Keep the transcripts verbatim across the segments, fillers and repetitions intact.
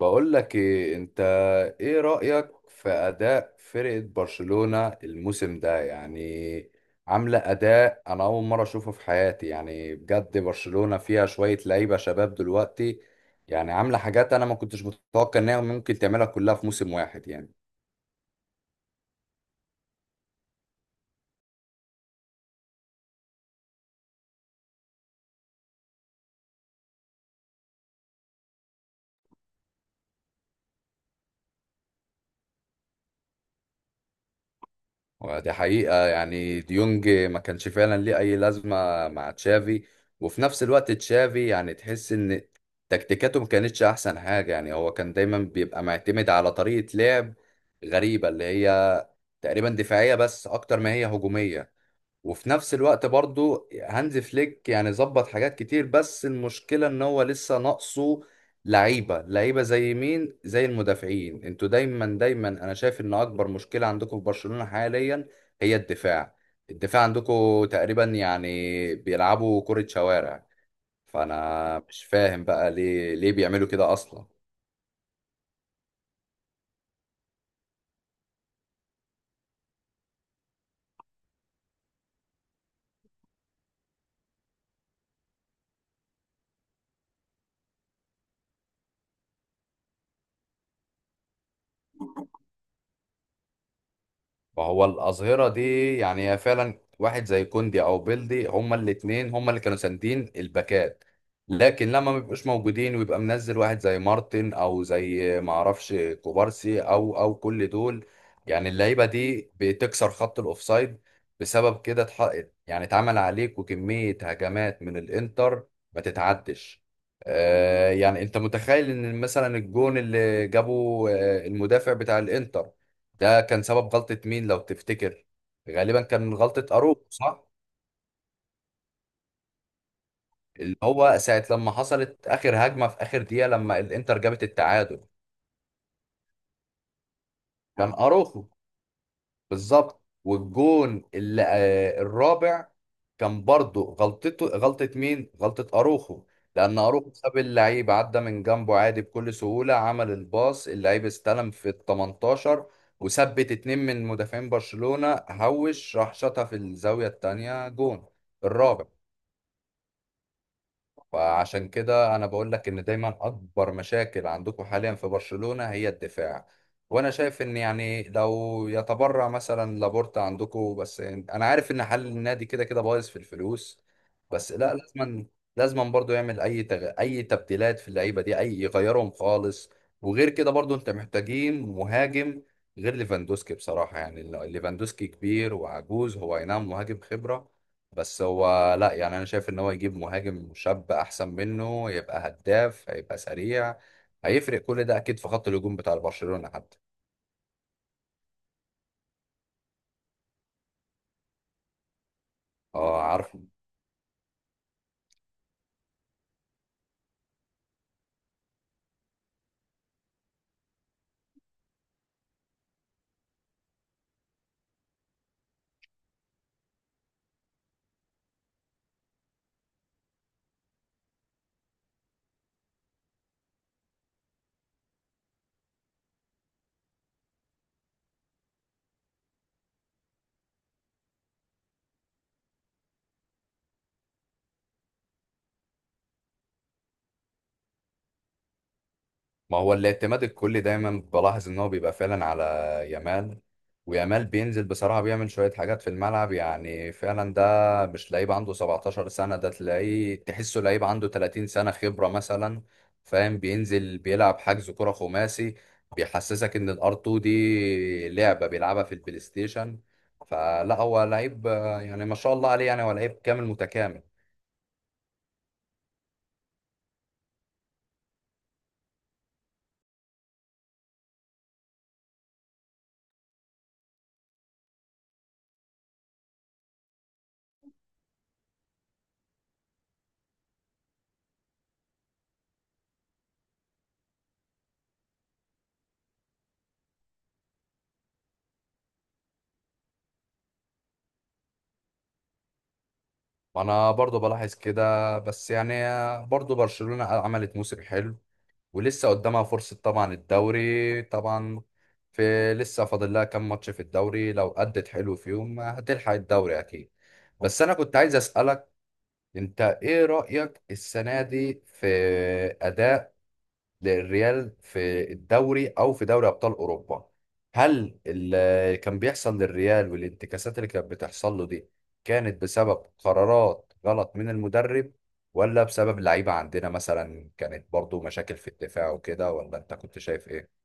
بقول لك ايه انت، ايه رأيك في اداء فرقة برشلونة الموسم ده؟ يعني عاملة اداء انا اول مرة اشوفه في حياتي، يعني بجد برشلونة فيها شوية لعيبة شباب دلوقتي، يعني عاملة حاجات انا ما كنتش متوقع انها ممكن تعملها كلها في موسم واحد. يعني ودي حقيقة، يعني ديونج ما كانش فعلا ليه أي لازمة مع تشافي. وفي نفس الوقت تشافي، يعني تحس إن تكتيكاته ما كانتش أحسن حاجة. يعني هو كان دايما بيبقى معتمد على طريقة لعب غريبة اللي هي تقريبا دفاعية بس أكتر ما هي هجومية. وفي نفس الوقت برضو هانز فليك، يعني ظبط حاجات كتير بس المشكلة ان هو لسه ناقصه لعيبة. لعيبة زي مين؟ زي المدافعين. انتوا دايما دايما، انا شايف ان اكبر مشكلة عندكم في برشلونة حاليا هي الدفاع. الدفاع عندكم تقريبا يعني بيلعبوا كرة شوارع. فانا مش فاهم بقى ليه ليه بيعملوا كده اصلا فهو الأظهرة دي يعني هي فعلا واحد زي كوندي أو بيلدي هما الاتنين هما اللي كانوا ساندين الباكات لكن لما ما بيبقوش موجودين ويبقى منزل واحد زي مارتن أو زي معرفش كوبارسي أو أو كل دول، يعني اللعيبة دي بتكسر خط الأوفسايد. بسبب كده اتح- يعني اتعمل عليك وكمية هجمات من الإنتر ما تتعدش. آه يعني أنت متخيل إن مثلا الجون اللي جابه آه، المدافع بتاع الإنتر ده كان سبب غلطة مين لو تفتكر؟ غالبا كان من غلطة أروخو، صح؟ اللي هو ساعة لما حصلت آخر هجمة في آخر دقيقة لما الإنتر جابت التعادل، كان أروخو بالظبط. والجون اللي آه، الرابع كان برضه غلطته. غلطة مين؟ غلطة أروخو، لأن أروخو ساب اللعيب عدى من جنبه عادي بكل سهولة، عمل الباص، اللعيب استلم في ال تمنتاشر وثبت اتنين من مدافعين برشلونة، هوش راح شاطها في الزاوية التانية، جون الرابع. فعشان كده انا بقول لك ان دايما اكبر مشاكل عندكم حاليا في برشلونة هي الدفاع. وانا شايف ان يعني لو يتبرع مثلا لابورتا عندكم، بس انا عارف ان حل النادي كده كده بايظ في الفلوس، بس لا لازما، لازما برضو يعمل اي تغ... اي تبديلات في اللعيبة دي، اي يغيرهم خالص. وغير كده برضو انت محتاجين مهاجم غير ليفاندوسكي. بصراحة يعني ليفاندوسكي كبير وعجوز، هو اي نعم مهاجم خبرة بس هو لا، يعني انا شايف ان هو يجيب مهاجم شاب احسن منه، يبقى هداف، هيبقى سريع، هيفرق كل ده اكيد في خط الهجوم بتاع برشلونة حتى. اه عارف. ما هو الاعتماد الكلي دايما بلاحظ ان هو بيبقى فعلا على يامال. ويامال بينزل بصراحة بيعمل شوية حاجات في الملعب، يعني فعلا ده مش لعيب عنده 17 سنة، ده تلاقيه تحسه لعيب عنده 30 سنة خبرة مثلا، فاهم؟ بينزل بيلعب حجز كرة خماسي، بيحسسك ان الار تو دي لعبة بيلعبها في البلاي ستيشن. فلا هو لعيب آه، يعني ما شاء الله عليه، يعني هو لعيب كامل متكامل. وانا برضو بلاحظ كده، بس يعني آه، برضو برشلونة عملت موسم حلو، ولسه قدامها فرصة طبعا، الدوري طبعا في لسه فاضل لها كام ماتش في الدوري، لو أدت حلو فيهم هتلحق الدوري أكيد. بس أنا كنت عايز أسألك، أنت إيه رأيك السنة دي في أداء للريال في الدوري او في دوري ابطال اوروبا؟ هل اللي كان بيحصل للريال والانتكاسات اللي كانت بتحصل له دي كانت بسبب قرارات غلط من المدرب؟ ولا بسبب اللعيبة عندنا مثلا كانت برضو مشاكل في الدفاع وكده؟ ولا انت كنت شايف ايه؟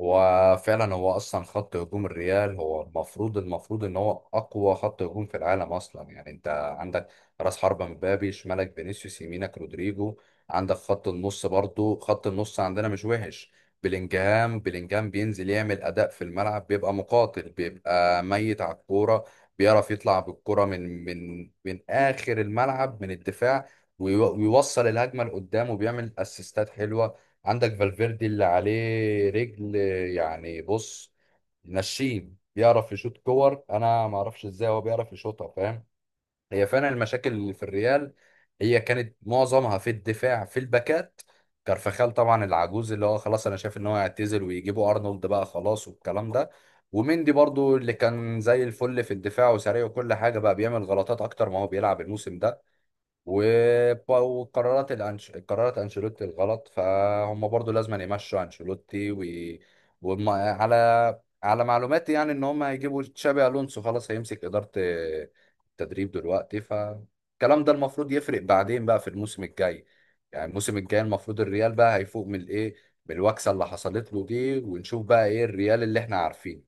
هو فعلا هو اصلا خط هجوم الريال هو المفروض المفروض ان هو اقوى خط هجوم في العالم اصلا. يعني انت عندك راس حربة مبابي، شمالك فينيسيوس، يمينك رودريجو. عندك خط النص برضو، خط النص عندنا مش وحش. بلينجهام بلينجهام بينزل يعمل اداء في الملعب، بيبقى مقاتل، بيبقى ميت على الكوره، بيعرف يطلع بالكوره من من من اخر الملعب من الدفاع، ويو- ويوصل الهجمه لقدام وبيعمل اسيستات حلوه. عندك فالفيردي اللي عليه رجل، يعني بص، نشيب، بيعرف يشوط كور، انا ما اعرفش ازاي هو بيعرف يشوطها، فاهم؟ هي فعلا المشاكل اللي في الريال هي كانت معظمها في الدفاع في الباكات. كارفخال طبعا العجوز اللي هو خلاص، انا شايف ان هو يعتزل ويجيبوا ارنولد بقى خلاص والكلام ده. وميندي برضو اللي كان زي الفل في الدفاع وسريع وكل حاجه، بقى بيعمل غلطات اكتر ما هو بيلعب الموسم ده. وب- وقرارات الأنش... قرارات أنشيلوتي الغلط، فهم برضو لازم يمشوا أنشيلوتي. و... وما... على على معلوماتي يعني إن هم هيجيبوا تشابي ألونسو، خلاص هيمسك إدارة التدريب دلوقتي، فالكلام ده المفروض يفرق بعدين بقى في الموسم الجاي. يعني الموسم الجاي المفروض الريال بقى هيفوق من الإيه، من الوكسة اللي حصلت له دي، ونشوف بقى إيه الريال اللي إحنا عارفينه.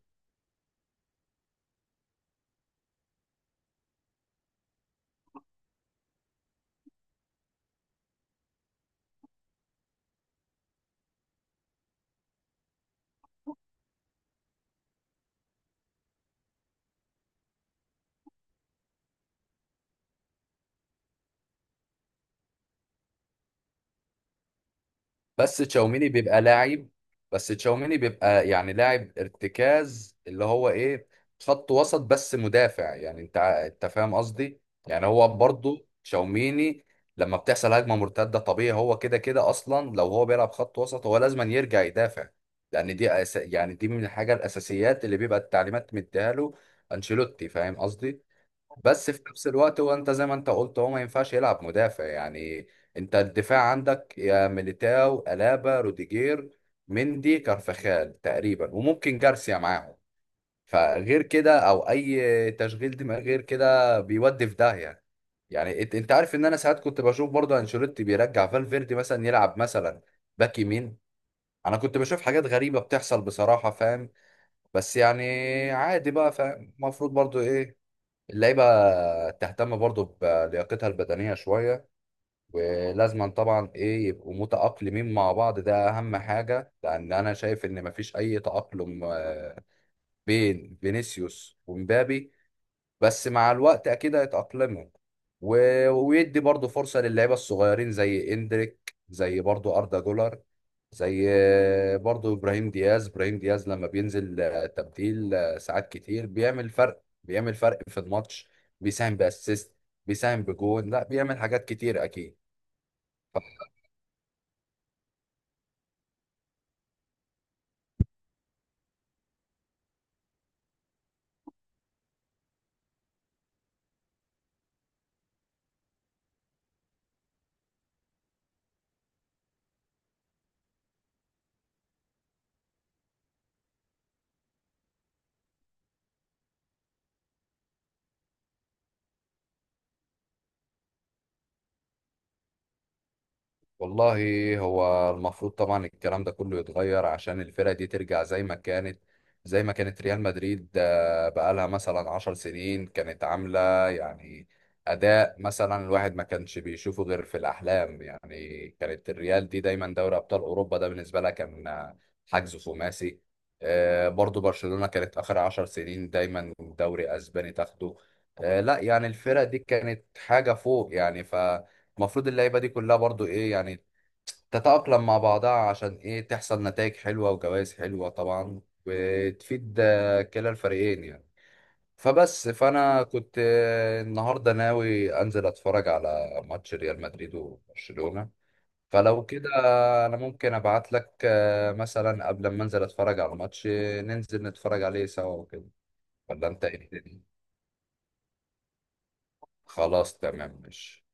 بس تشاوميني بيبقى لاعب بس تشاوميني بيبقى يعني لاعب ارتكاز اللي هو ايه، خط وسط بس مدافع، يعني انت ع- انت فاهم قصدي. يعني هو برضو تشاوميني لما بتحصل هجمة مرتدة طبيعي هو كده كده اصلا، لو هو بيلعب خط وسط هو لازم يرجع يدافع، لان دي أس... يعني دي من الحاجة الاساسيات اللي بيبقى التعليمات مديها له انشيلوتي، فاهم قصدي؟ بس في نفس الوقت هو، انت زي ما انت قلت، هو ما ينفعش يلعب مدافع يعني. انت الدفاع عندك يا ميليتاو ألابا روديجير، مندي كارفخال تقريبا، وممكن جارسيا معاهم. فغير كده او اي تشغيل دماغ غير كده بيودي في داهيه. يعني انت انت عارف ان انا ساعات كنت بشوف برضه انشيلوتي بيرجع فالفيردي مثلا يلعب مثلا باك يمين. انا كنت بشوف حاجات غريبه بتحصل بصراحه، فاهم؟ بس يعني عادي بقى، فاهم؟ المفروض برضه ايه، اللعيبة تهتم برضو بلياقتها البدنية شوية، ولازما طبعا ايه، يبقوا متأقلمين مع بعض، ده أهم حاجة. لأن أنا شايف إن مفيش أي تأقلم آه، بين فينيسيوس ومبابي، بس مع الوقت اكيد هيتأقلموا. و- ويدي برضه فرصة للعيبة الصغيرين زي اندريك، زي برضه أردا جولر، زي برضه إبراهيم دياز. إبراهيم دياز لما بينزل آه، تبديل آه، ساعات كتير بيعمل فرق، بيعمل فرق في الماتش، بيساهم بأسيست، بيساهم بجون، لا بيعمل حاجات كتير أكيد. والله هو المفروض طبعا الكلام ده كله يتغير عشان الفرقة دي ترجع زي ما كانت. زي ما كانت ريال مدريد آه، بقالها مثلا عشر سنين كانت عاملة يعني أداء مثلا الواحد ما كانش بيشوفه غير في الأحلام. يعني كانت الريال دي دايما دوري أبطال أوروبا ده بالنسبة لها كان آه، حجز خماسي. آه، برضو برشلونة كانت آخر عشر سنين دايما دوري أسباني تاخده. آه، لا يعني الفرقة دي كانت حاجة فوق يعني. ف المفروض اللعيبه دي كلها برضو ايه يعني، تتأقلم مع بعضها عشان ايه، تحصل نتائج حلوة وجوائز حلوة طبعا، وتفيد آه، كلا الفريقين يعني. فبس فأنا كنت آه، النهاردة ناوي أنزل أتفرج على ماتش ريال مدريد وبرشلونة، فلو كده أنا ممكن أبعت لك آه، مثلا قبل ما أنزل أتفرج على الماتش آه، ننزل نتفرج عليه سوا وكده، ولا أنت إيه الدنيا؟ خلاص تمام ماشي.